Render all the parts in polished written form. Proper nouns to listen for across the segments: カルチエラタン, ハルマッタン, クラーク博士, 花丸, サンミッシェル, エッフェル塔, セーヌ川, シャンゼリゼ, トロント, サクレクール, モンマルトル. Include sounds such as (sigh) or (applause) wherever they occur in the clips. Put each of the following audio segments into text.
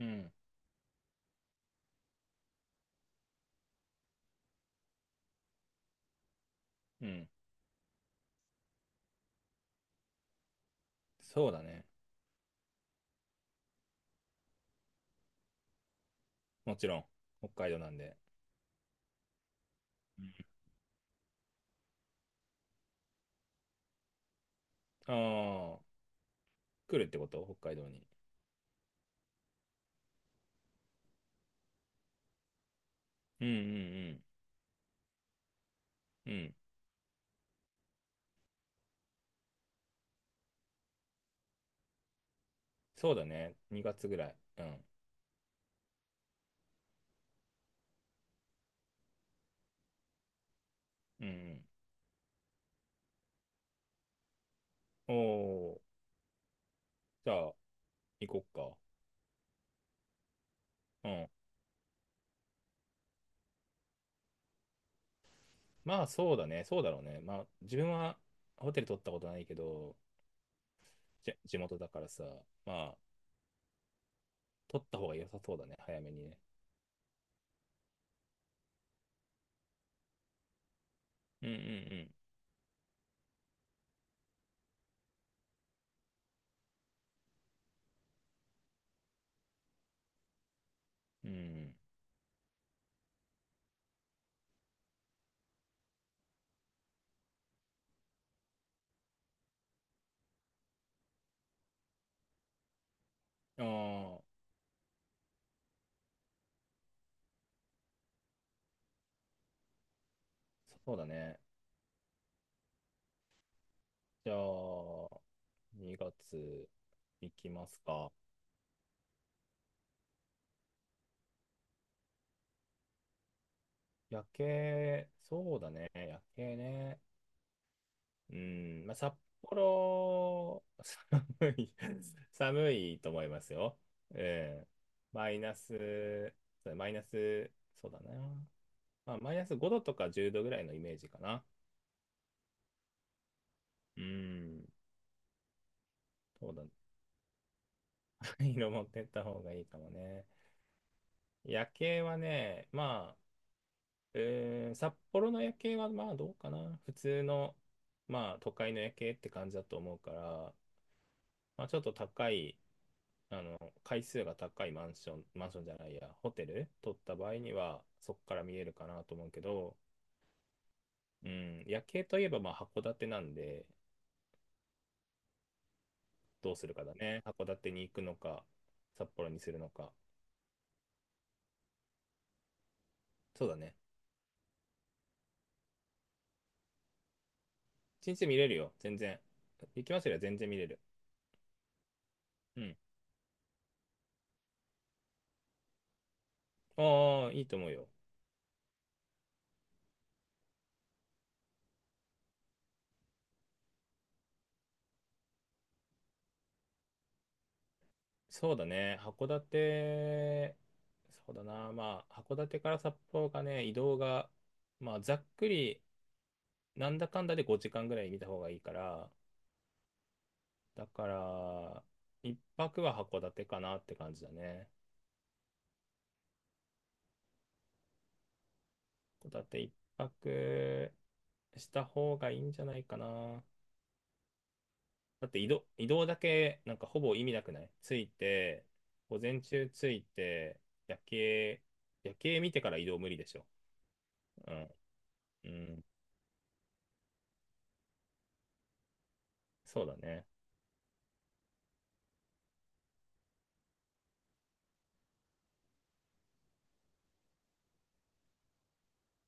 うん。うん。そうだね。もちろん。北海道なんで。ああー、来るってこと北海道に？うんうんうん。うん。そうだね。2月ぐらい。うん。うんうん。おー。じゃあ、行こっか。うん。まあ、そうだね。そうだろうね。まあ、自分はホテル取ったことないけど、地元だからさ、まあ、取った方が良さそうだね。早めにね。うんうんうん。うん。ああ、そうだね。じゃあ、2月いきますか？夜景、そうだね、夜景ね。うん、まあ、札幌、(laughs) 寒い、(laughs) 寒いと思いますよ。うん。マイナス、マイナス、そうだな。まあ、マイナス5度とか10度ぐらいのイメージかな。うん、そうだね、(laughs) 色持ってった方がいいかもね。夜景はね、まあ、札幌の夜景はまあどうかな。普通の、まあ都会の夜景って感じだと思うから、まあちょっと高い、階数が高いマンション、マンションじゃないや、ホテル取った場合にはそこから見えるかなと思うけど、うん、夜景といえばまあ函館なんで、どうするかだね。函館に行くのか、札幌にするのか。そうだね。一日見れるよ、全然。行きますよりは全然見れる。うん。ああ、いいと思うよ。そうだね、函館、そうだな、まあ、函館から札幌がね、移動が、まあ、ざっくり、なんだかんだで5時間ぐらい見た方がいいから、だから、一泊は函館かなって感じだね。函館一泊した方がいいんじゃないかな。だって移動、移動だけ、なんかほぼ意味なくないついて、午前中ついて、夜景、夜景見てから移動無理でしょ。うん、うん、そうだね。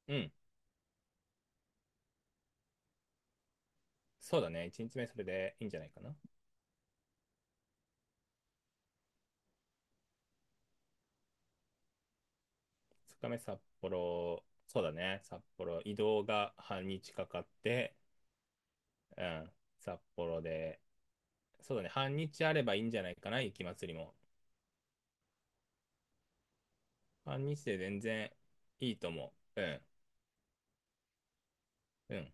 うん。そうだね。1日目それでいいんじゃないかな。2日目札幌、そうだね。札幌、移動が半日かかって、うん。札幌で、そうだね。半日あればいいんじゃないかな。雪祭りも。半日で全然いいと思う。うん。うん。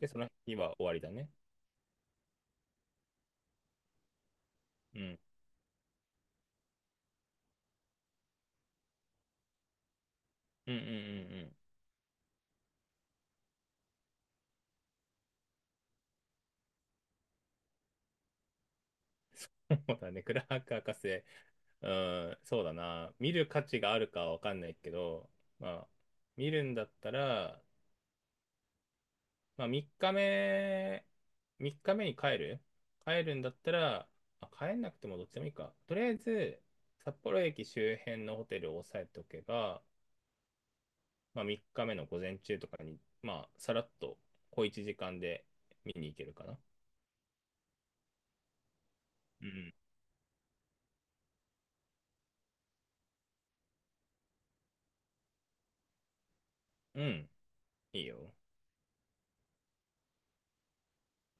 で、その日は終わりだね。うん。うんうんうんうん。(laughs) そうだね。クラーク博士。うん。そうだな。見る価値があるかはわかんないけど、まあ、見るんだったら、まあ、3日目、3日目に帰るんだったら、まあ、帰んなくてもどっちでもいいか。とりあえず、札幌駅周辺のホテルを押さえておけば、まあ、3日目の午前中とかに、まあ、さらっと小一時間で見に行けるかな。うん。うん。いいよ。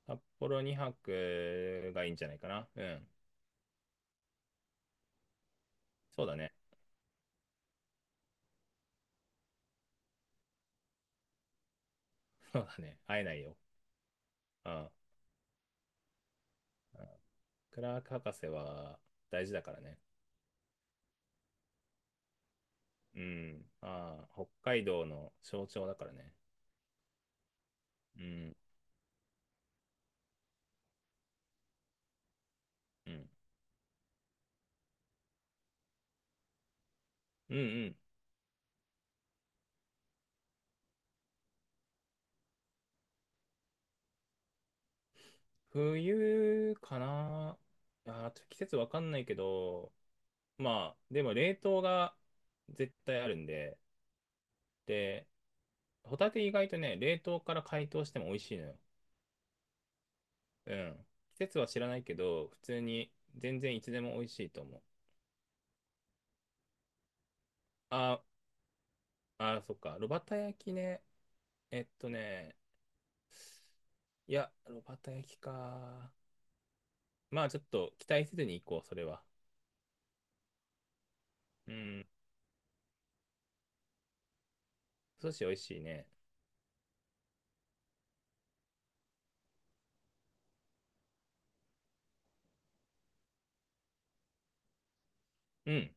札幌2泊がいいんじゃないかな。うん。そうだね。(laughs) そうだね。会えないよ。うん。うん。クラーク博士は大事だからね。うん。ああ、北海道の象徴だからね。うん。うん。うんうん。冬かな。ああ、ちょっと季節わかんないけど、まあ、でも冷凍が絶対あるんで、で、ホタテ意外とね、冷凍から解凍しても美味しいのよ。うん。季節は知らないけど、普通に全然いつでも美味しいと思う。ああ、そっか。炉端焼きね。えっとね、いや、炉端焼きか。まあちょっと期待せずに行こう、それは。うん。寿司美味しいね。うん。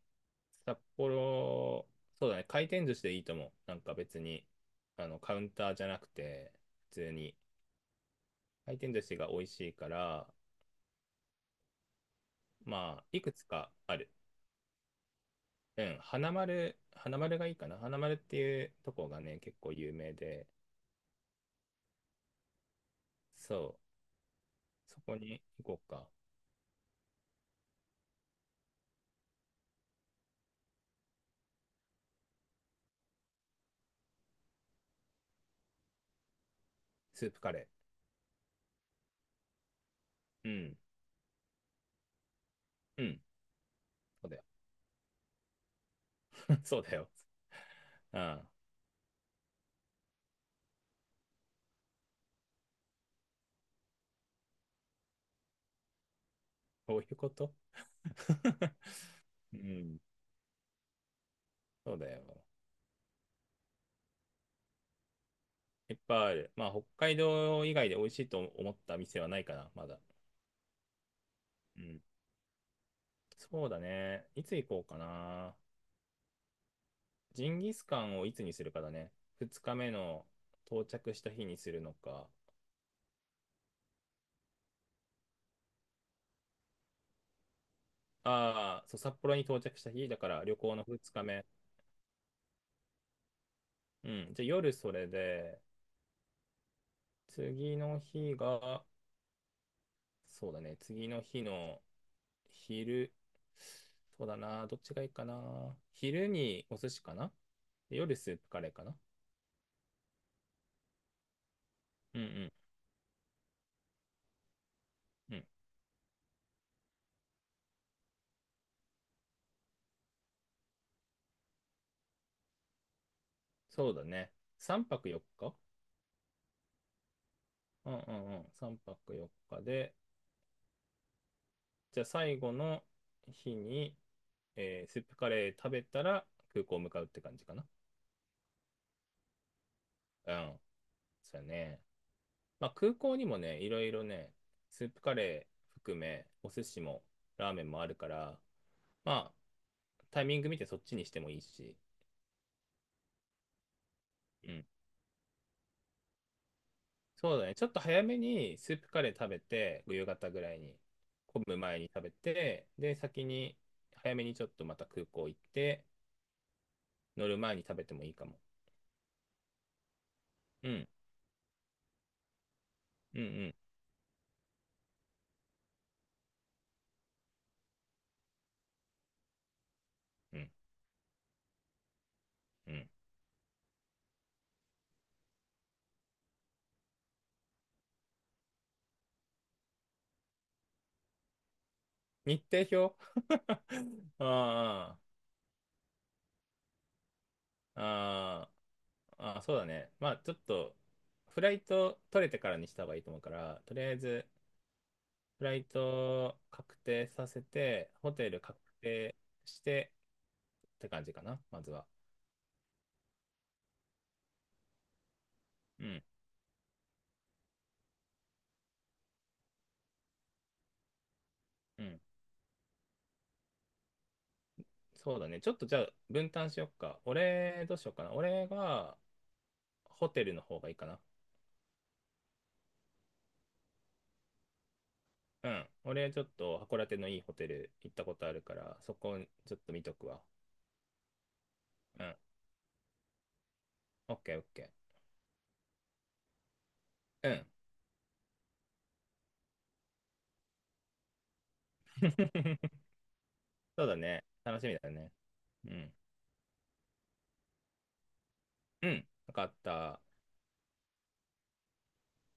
札幌、そうだね。回転寿司でいいと思う。なんか別に、カウンターじゃなくて、普通に。回転寿司が美味しいから、まあ、いくつかある。うん。花丸、花丸がいいかな。花丸っていうとこがね、結構有名で。そう。そこに行こうか。スープカレー。うん。うん。そうだよ。(laughs) そうだよ。ああ、こういうこと？ (laughs) うん。そうだよ。いっぱいある。まあ、北海道以外で美味しいと思った店はないかな、まだ。うん。そうだね。いつ行こうかな。ジンギスカンをいつにするかだね。2日目の到着した日にするのか。ああ、そう、札幌に到着した日だから旅行の2日目。うん。じゃあ夜それで、次の日が、そうだね。次の日の昼、そうだな。どっちがいいかな。昼にお寿司かな。で夜スープカレーかな。うんうんうん。そうだね。3泊4日。うんうんうん。3泊4日で、じゃあ最後の日に、スープカレー食べたら空港向かうって感じかな。うん。そうやね。まあ空港にもね、いろいろね、スープカレー含め、お寿司もラーメンもあるから、まあタイミング見てそっちにしてもいいし。そうだね。ちょっと早めにスープカレー食べて、夕方ぐらいに、混む前に食べて、で、先に、早めにちょっとまた空港行って、乗る前に食べてもいいかも。うん、うん、うん、うん、うん。日程表。 (laughs) ああ、あああ、そうだね。まあ、ちょっと、フライト取れてからにした方がいいと思うから、とりあえず、フライト確定させて、ホテル確定してって感じかな、まずは。うん、うん。そうだね。ちょっとじゃあ分担しよっか。俺、どうしようかな。俺がホテルの方がいいかな。うん。俺、ちょっと函館のいいホテル行ったことあるから、そこちょっと見とくわ。うん。オッケーオッケー。うん。(laughs) そうだね。楽しみだね。うん。うん。わかった。